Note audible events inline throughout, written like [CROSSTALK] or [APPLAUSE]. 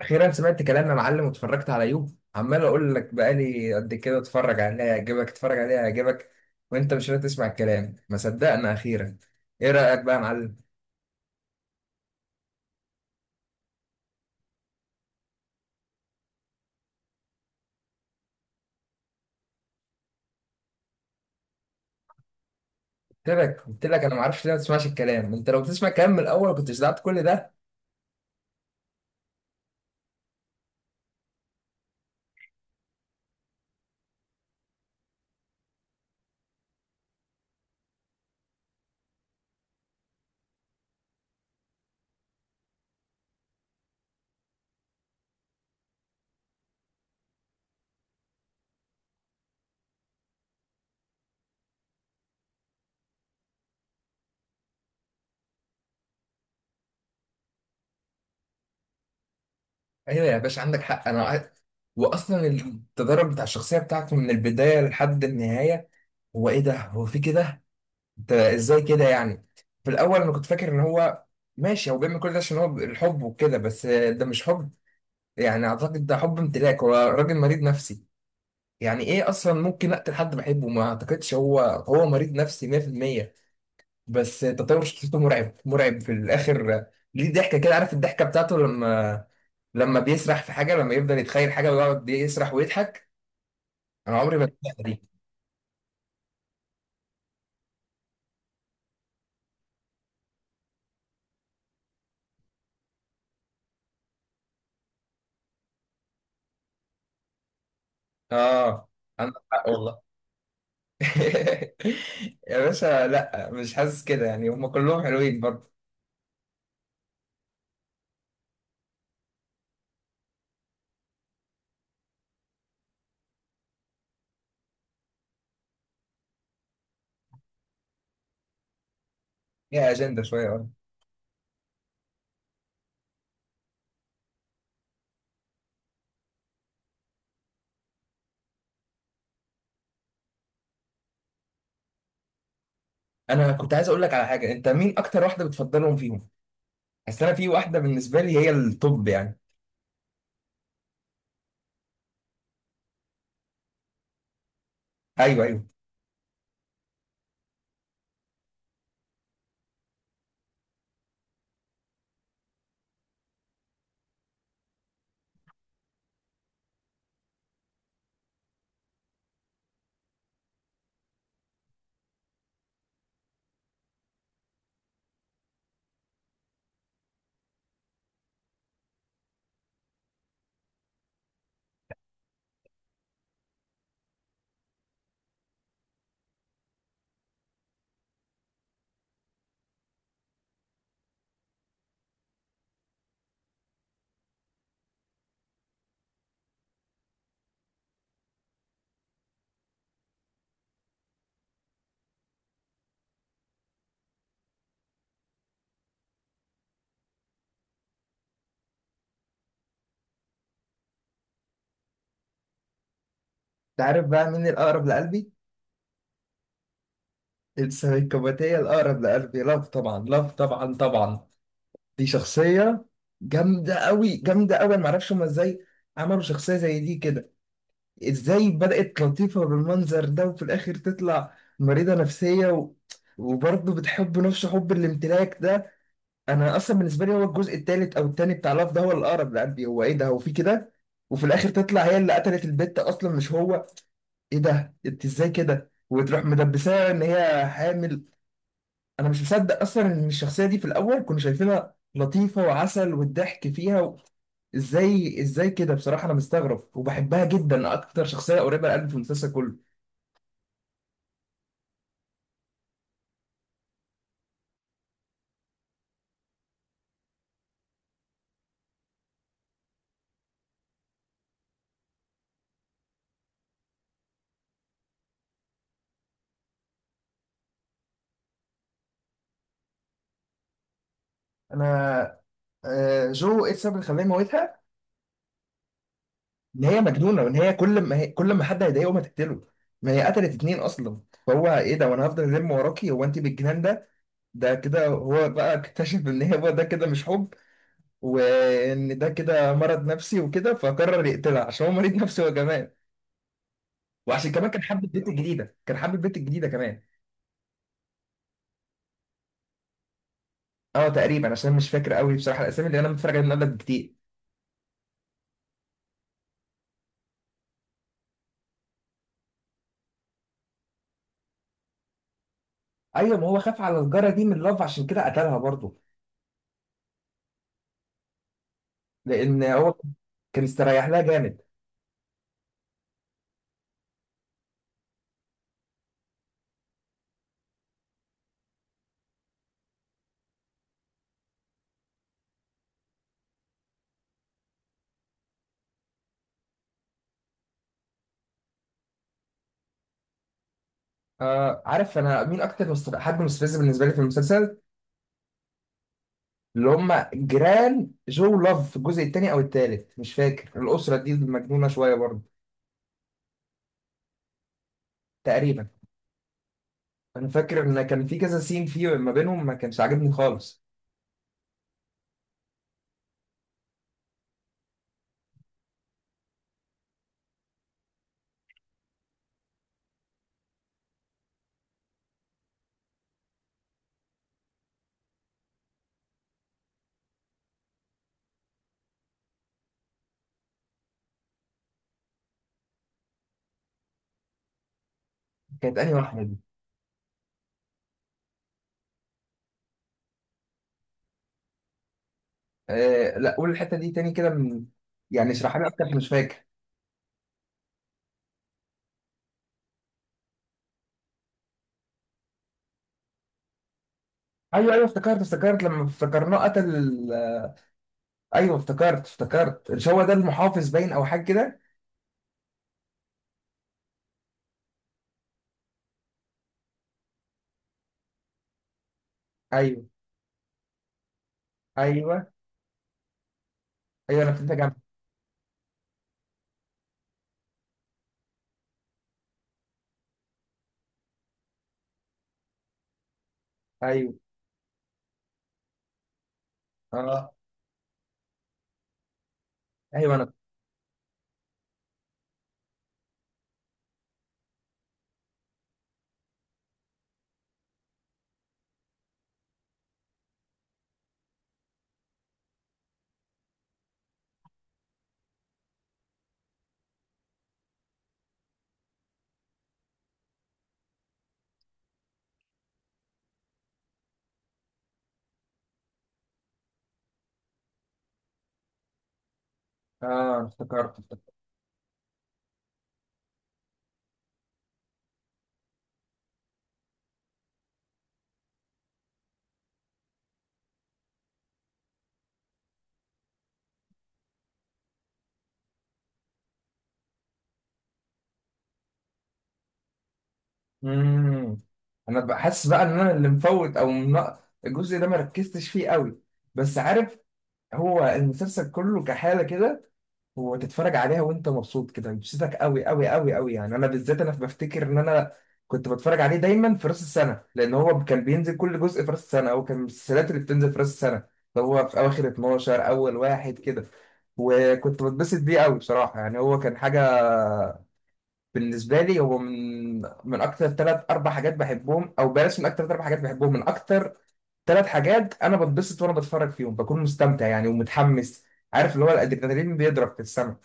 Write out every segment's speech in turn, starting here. اخيرا سمعت كلام يا معلم واتفرجت على يوب. عمال اقول لك بقالي قد كده اتفرج عليها يعجبك اتفرج عليها يعجبك، وانت مش راضي تسمع الكلام. ما صدقنا اخيرا. ايه رايك بقى يا معلم؟ قلت لك، انا ما اعرفش ليه ما تسمعش الكلام. انت لو بتسمع الكلام من الاول ما كنتش دعت كل ده. ايوه يا باشا، عندك حق. واصلا التدرج بتاع الشخصيه بتاعته من البدايه لحد النهايه، هو ايه ده؟ هو في كده؟ انت ازاي كده يعني؟ في الاول انا كنت فاكر ان هو ماشي، هو بيعمل كل ده عشان هو الحب وكده، بس ده مش حب. يعني اعتقد ده حب امتلاك، هو راجل مريض نفسي. يعني ايه اصلا ممكن اقتل حد بحبه؟ ما اعتقدش. هو مريض نفسي 100%. بس تطور شخصيته مرعب مرعب في الاخر. ليه ضحكه كده؟ عارف الضحكه بتاعته، لما بيسرح في حاجه، لما يفضل يتخيل حاجه ويقعد يسرح ويضحك، انا عمري ما انساها دي. اه، عندك حق والله. [LAUGHS] يا باشا لا، مش حاسس كده يعني، هم كلهم حلوين برضه. ليها اجنده شويه برضه. انا كنت عايز اقول لك على حاجه، انت مين اكتر واحده بتفضلهم فيهم؟ بس انا في واحده بالنسبه لي هي الطب يعني. ايوه، ايوه. انت عارف بقى مين الاقرب لقلبي؟ السايكوباتيه الاقرب لقلبي لاف، طبعا لاف، طبعا طبعا. دي شخصيه جامده قوي جامده قوي. انا معرفش هما ازاي عملوا شخصيه زي دي كده؟ ازاي بدات لطيفه بالمنظر ده وفي الاخر تطلع مريضه نفسيه، و... وبرضه بتحب نفس حب الامتلاك ده. انا اصلا بالنسبه لي هو الجزء الثالث او الثاني بتاع لاف ده هو الاقرب لقلبي. هو ايه ده؟ هو في كده؟ وفي الاخر تطلع هي اللي قتلت البت اصلا مش هو! ايه ده؟ انت ازاي كده؟ وتروح مدبساها ان هي حامل. انا مش مصدق اصلا ان الشخصيه دي في الاول كنا شايفينها لطيفه وعسل والضحك فيها. و... ازاي كده بصراحه؟ انا مستغرب، وبحبها جدا، اكتر شخصيه قريبه لقلبي في المسلسل كله. انا جو ايه السبب اللي خلاني موتها؟ ان هي مجنونه، وان هي كل ما حد هيضايقه ما تقتله، ما هي قتلت اتنين اصلا. فهو ايه ده؟ وانا هفضل الم وراكي؟ هو انت بالجنان ده؟ ده كده هو بقى اكتشف ان هو ده كده مش حب، وان ده كده مرض نفسي وكده، فقرر يقتلها عشان هو مريض نفسي هو كمان. وعشان كمان كان حابب البنت الجديده، كان حابب البنت الجديده كمان. اه تقريبا، عشان مش فاكر قوي بصراحه الاسامي، اللي انا متفرج عليها من قبل كتير. ايوه، ما هو خاف على الجاره دي من لاف عشان كده قتلها برضه، لان هو كان استريح لها جامد. آه، عارف انا مين اكتر حد مستفز بالنسبه لي في المسلسل؟ اللي هم جيران جو لاف في الجزء الثاني او الثالث مش فاكر، الاسره دي المجنونه شويه برضه. تقريبا. انا فاكر ان كان في كذا سين فيه ما بينهم ما كانش عاجبني خالص. كانت انهي واحده دي؟ آه لا، قول الحته دي تاني كده، من... يعني اشرحها لي اكتر، مش فاكر. ايوه، ايوه، افتكرت افتكرت لما افتكرناه قتل. ايوه افتكرت افتكرت، مش هو ده المحافظ باين او حاجه كده؟ ايوه، ايوه، ايوه، انا كنت جامد. ايوه، اه، ايوه. انا افتكرت افتكرت. امم انا بقى حاسس بقى ان انا اللي مفوت، او من... الجزء ده ما ركزتش فيه قوي. بس عارف، هو المسلسل كله كحاله كده، وتتفرج عليها وانت مبسوط كده، بتبسطك قوي قوي قوي قوي يعني. انا بالذات انا بفتكر ان انا كنت بتفرج عليه دايما في راس السنه، لان هو كان بينزل كل جزء في راس السنه، او كان من المسلسلات اللي بتنزل في راس السنه، اللي هو في اواخر 12 اول واحد كده. وكنت بتبسط بيه قوي بصراحه، يعني هو كان حاجه. بالنسبه لي هو من اكتر ثلاث اربع حاجات بحبهم، او بلاش، من اكتر ثلاث اربع حاجات بحبهم، من اكتر ثلاث حاجات انا بتبسط وانا بتفرج فيهم، بكون مستمتع يعني ومتحمس. عارف اللي هو الادرينالين بيضرب في السما.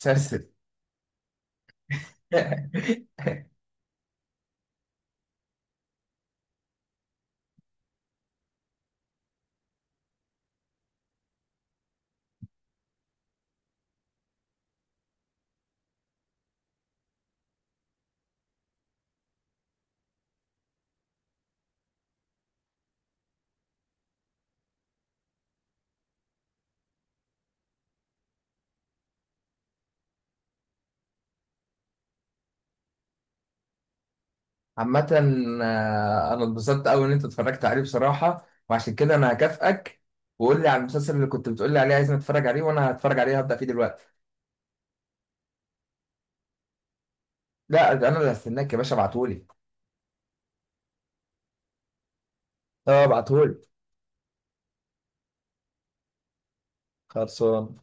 [LAUGHS] [LAUGHS] عامة، أنا اتبسطت أوي إن أنت اتفرجت عليه بصراحة، وعشان كده أنا هكافئك. وقول لي على المسلسل اللي كنت بتقول لي عليه عايزني أتفرج عليه، وأنا هتفرج عليه، هبدأ فيه دلوقتي. لا، ده أنا اللي هستناك يا باشا، ابعتهولي. أه، ابعتهولي. خلصان.